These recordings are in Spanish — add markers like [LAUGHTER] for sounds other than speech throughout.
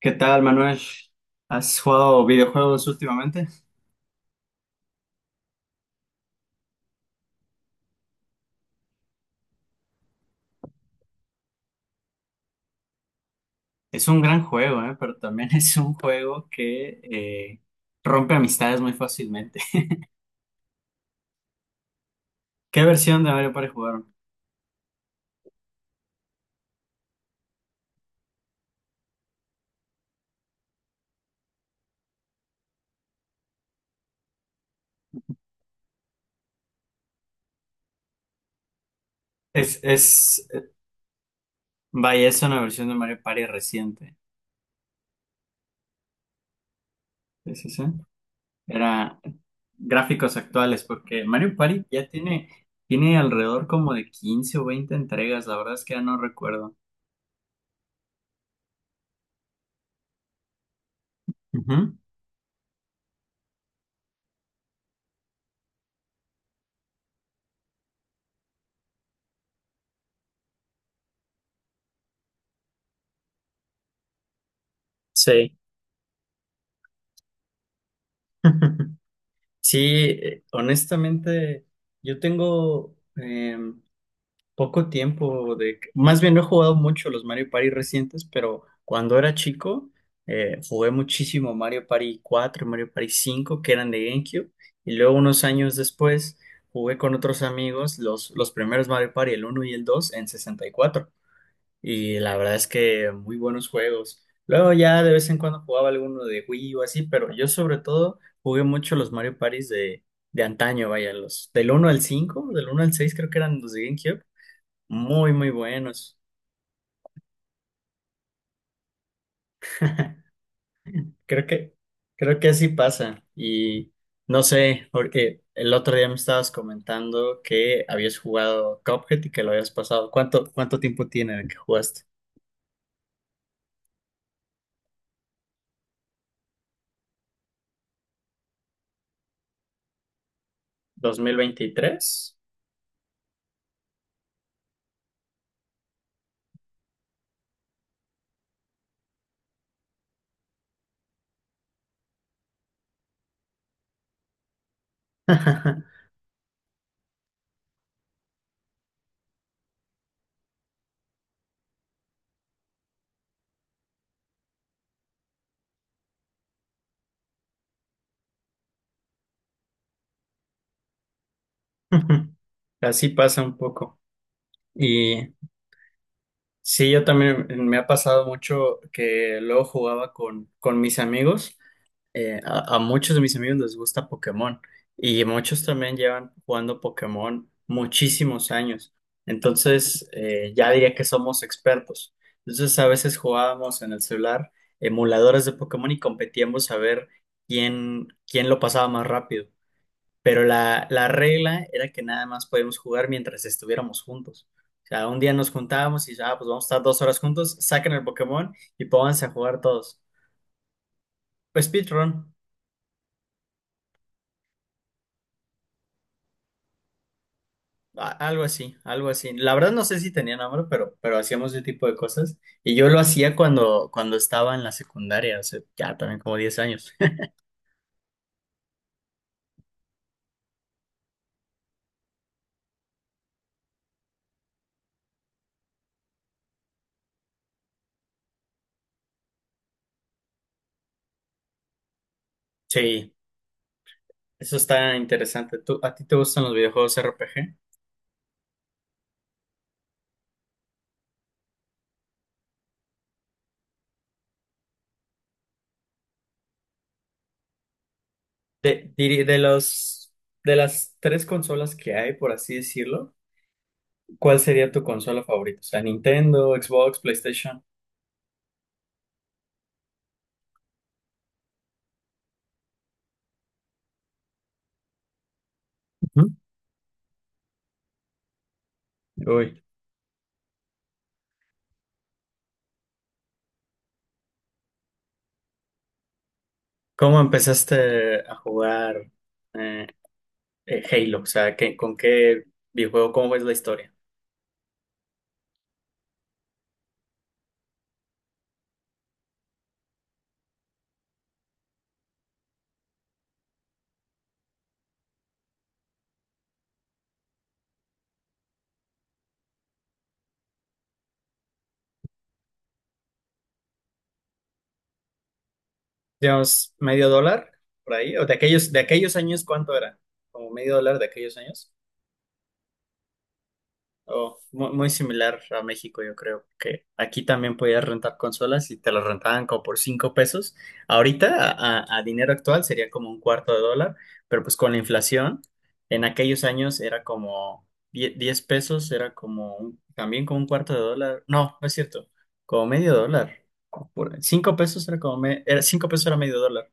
¿Qué tal, Manuel? ¿Has jugado videojuegos últimamente? Es un gran juego, ¿eh? Pero también [LAUGHS] es un juego que rompe amistades muy fácilmente. [LAUGHS] ¿Qué versión de Mario Party jugaron? Es, es, eh, Vaya, es una versión de Mario Party reciente. Sí, sí, sí. Era gráficos actuales, porque Mario Party ya tiene, alrededor como de 15 o 20 entregas, la verdad es que ya no recuerdo. Ujú. Sí. [LAUGHS] Sí, honestamente, yo tengo poco tiempo más bien, no he jugado mucho los Mario Party recientes, pero cuando era chico jugué muchísimo Mario Party 4, Mario Party 5, que eran de GameCube, y luego unos años después jugué con otros amigos los primeros Mario Party, el uno y el 2 en 64. Y la verdad es que muy buenos juegos. Luego ya de vez en cuando jugaba alguno de Wii o así, pero yo sobre todo jugué mucho los Mario Parties de antaño, vaya, los del uno al 5 del uno al 6 creo que eran los de GameCube. Muy, muy buenos. Creo que, creo que así pasa. Y no sé, porque el otro día me estabas comentando que habías jugado Cuphead y que lo habías pasado. ¿Cuánto tiempo tiene de que jugaste? ¿2023? [LAUGHS] Así pasa un poco. Y sí, yo también me ha pasado mucho que luego jugaba con mis amigos. A muchos de mis amigos les gusta Pokémon y muchos también llevan jugando Pokémon muchísimos años. Entonces, ya diría que somos expertos. Entonces, a veces jugábamos en el celular emuladores de Pokémon y competíamos a ver quién lo pasaba más rápido. Pero la regla era que nada más podíamos jugar mientras estuviéramos juntos. O sea, un día nos juntábamos y ya, ah, pues vamos a estar 2 horas juntos, saquen el Pokémon y pónganse a jugar todos. Pues speedrun, algo así, algo así. La verdad no sé si tenía nombre, pero, hacíamos ese tipo de cosas. Y yo lo hacía cuando estaba en la secundaria, hace ya también como 10 años. [LAUGHS] Sí, eso está interesante. ¿A ti te gustan los videojuegos RPG? De los, de las tres consolas que hay, por así decirlo, ¿cuál sería tu consola favorita? O sea, Nintendo, Xbox, PlayStation. Ujú. Uy, ¿cómo empezaste a jugar eh, Halo? O sea, con qué videojuego? ¿Cómo es la historia? Digamos, medio dólar por ahí, o de aquellos años, ¿cuánto era? Como medio dólar de aquellos años. Oh, muy, similar a México, yo creo que aquí también podías rentar consolas y te las rentaban como por 5 pesos. Ahorita, a dinero actual, sería como un cuarto de dólar, pero pues con la inflación, en aquellos años era como 10 pesos, era como también como un cuarto de dólar. No, no es cierto, como medio dólar. Cinco pesos era como, 5 pesos era medio dólar.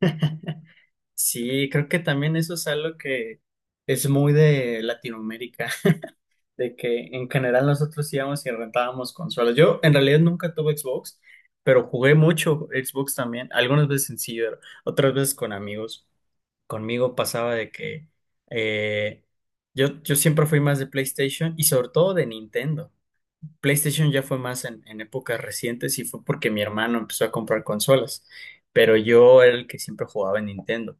[LAUGHS] Sí, creo que también eso es algo que es muy de Latinoamérica, de que en general nosotros íbamos y rentábamos consolas. Yo en realidad nunca tuve Xbox, pero jugué mucho Xbox también, algunas veces en ciber, otras veces con amigos. Conmigo pasaba de que eh, yo siempre fui más de PlayStation y sobre todo de Nintendo. PlayStation ya fue más en épocas recientes y fue porque mi hermano empezó a comprar consolas, pero yo era el que siempre jugaba en Nintendo.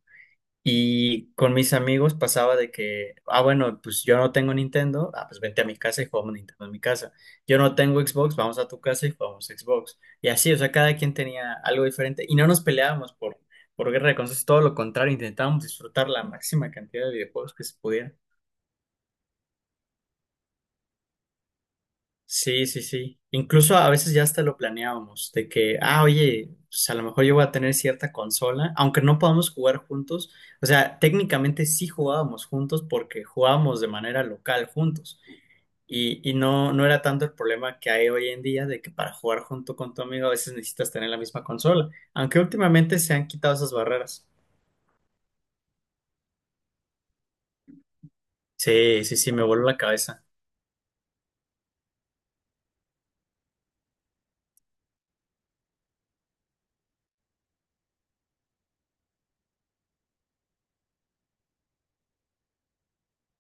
Y con mis amigos pasaba de que, ah, bueno, pues yo no tengo Nintendo, ah, pues vente a mi casa y jugamos Nintendo en mi casa. Yo no tengo Xbox, vamos a tu casa y jugamos Xbox. Y así, o sea, cada quien tenía algo diferente y no nos peleábamos por guerra de consolas, todo lo contrario, intentábamos disfrutar la máxima cantidad de videojuegos que se pudiera. Sí, sí, sí. Incluso a veces ya hasta lo planeábamos, de que, ah, oye, pues a lo mejor yo voy a tener cierta consola, aunque no podamos jugar juntos. O sea, técnicamente sí jugábamos juntos porque jugábamos de manera local juntos. Y no, no era tanto el problema que hay hoy en día de que para jugar junto con tu amigo a veces necesitas tener la misma consola, aunque últimamente se han quitado esas barreras. Sí, sí, sí, me voló la cabeza.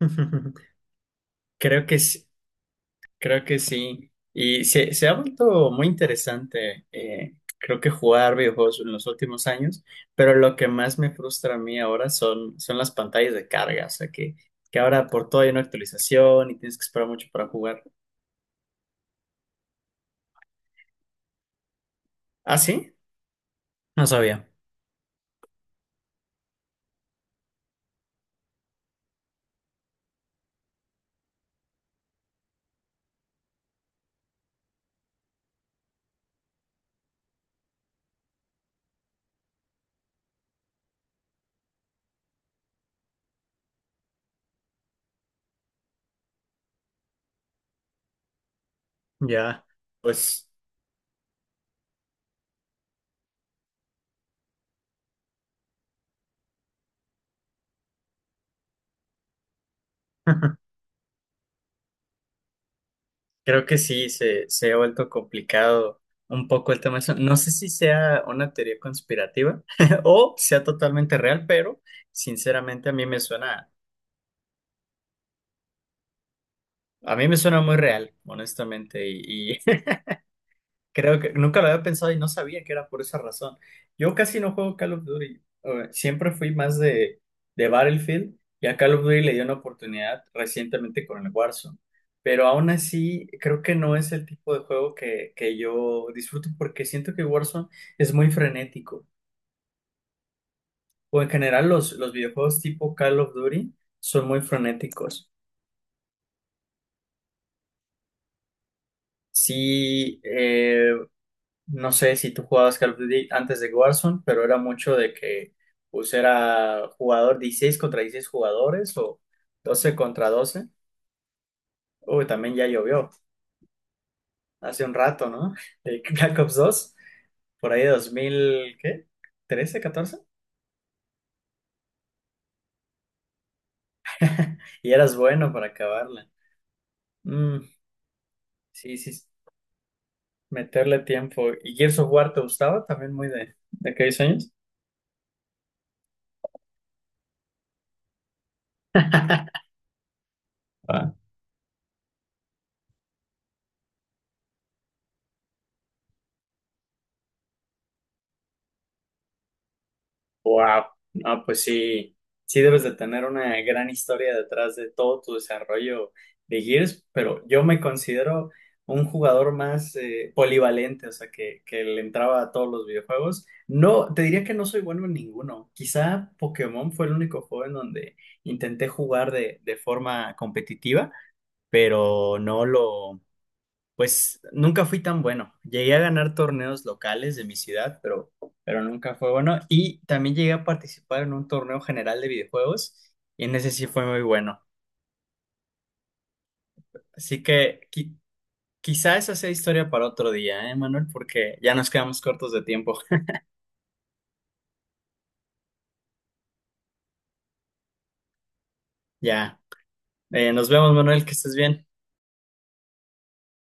[LAUGHS] Creo que sí. Creo que sí. Y se ha vuelto muy interesante, creo que jugar videojuegos en los últimos años, pero lo que más me frustra a mí ahora son las pantallas de carga, o sea que ahora por todo hay una actualización y tienes que esperar mucho para jugar. ¿Ah, sí? No sabía. Ya, pues [LAUGHS] creo que sí, se ha vuelto complicado un poco el tema de eso. No sé si sea una teoría conspirativa [LAUGHS] o sea totalmente real, pero sinceramente a mí me suena A mí me suena muy real, honestamente, y [LAUGHS] creo que nunca lo había pensado y no sabía que era por esa razón. Yo casi no juego Call of Duty, siempre fui más de Battlefield y a Call of Duty le di una oportunidad recientemente con el Warzone, pero aún así creo que no es el tipo de juego que yo disfruto porque siento que Warzone es muy frenético, o en general los videojuegos tipo Call of Duty son muy frenéticos. Sí, no sé si tú jugabas Call of Duty antes de Warzone, pero era mucho de que pues era jugador 16 contra 16 jugadores o 12 contra 12. Uy, también ya llovió hace un rato, ¿no? [LAUGHS] De Black Ops 2 por ahí de 2000 ¿qué? Trece catorce. Y eras bueno para acabarla. Mm, sí, sí, meterle tiempo. ¿Y Gears of War te gustaba también muy de aquellos años? [LAUGHS] Wow, no, pues sí, sí debes de tener una gran historia detrás de todo tu desarrollo de Gears, pero yo me considero un jugador más polivalente, o sea, que le entraba a todos los videojuegos. No, te diría que no soy bueno en ninguno. Quizá Pokémon fue el único juego en donde intenté jugar de forma competitiva, pero pues nunca fui tan bueno. Llegué a ganar torneos locales de mi ciudad, pero, nunca fue bueno. Y también llegué a participar en un torneo general de videojuegos y en ese sí fue muy bueno. Así que quizá esa sea historia para otro día, ¿eh, Manuel? Porque ya nos quedamos cortos de tiempo. [LAUGHS] Ya. Nos vemos, Manuel, que estés bien.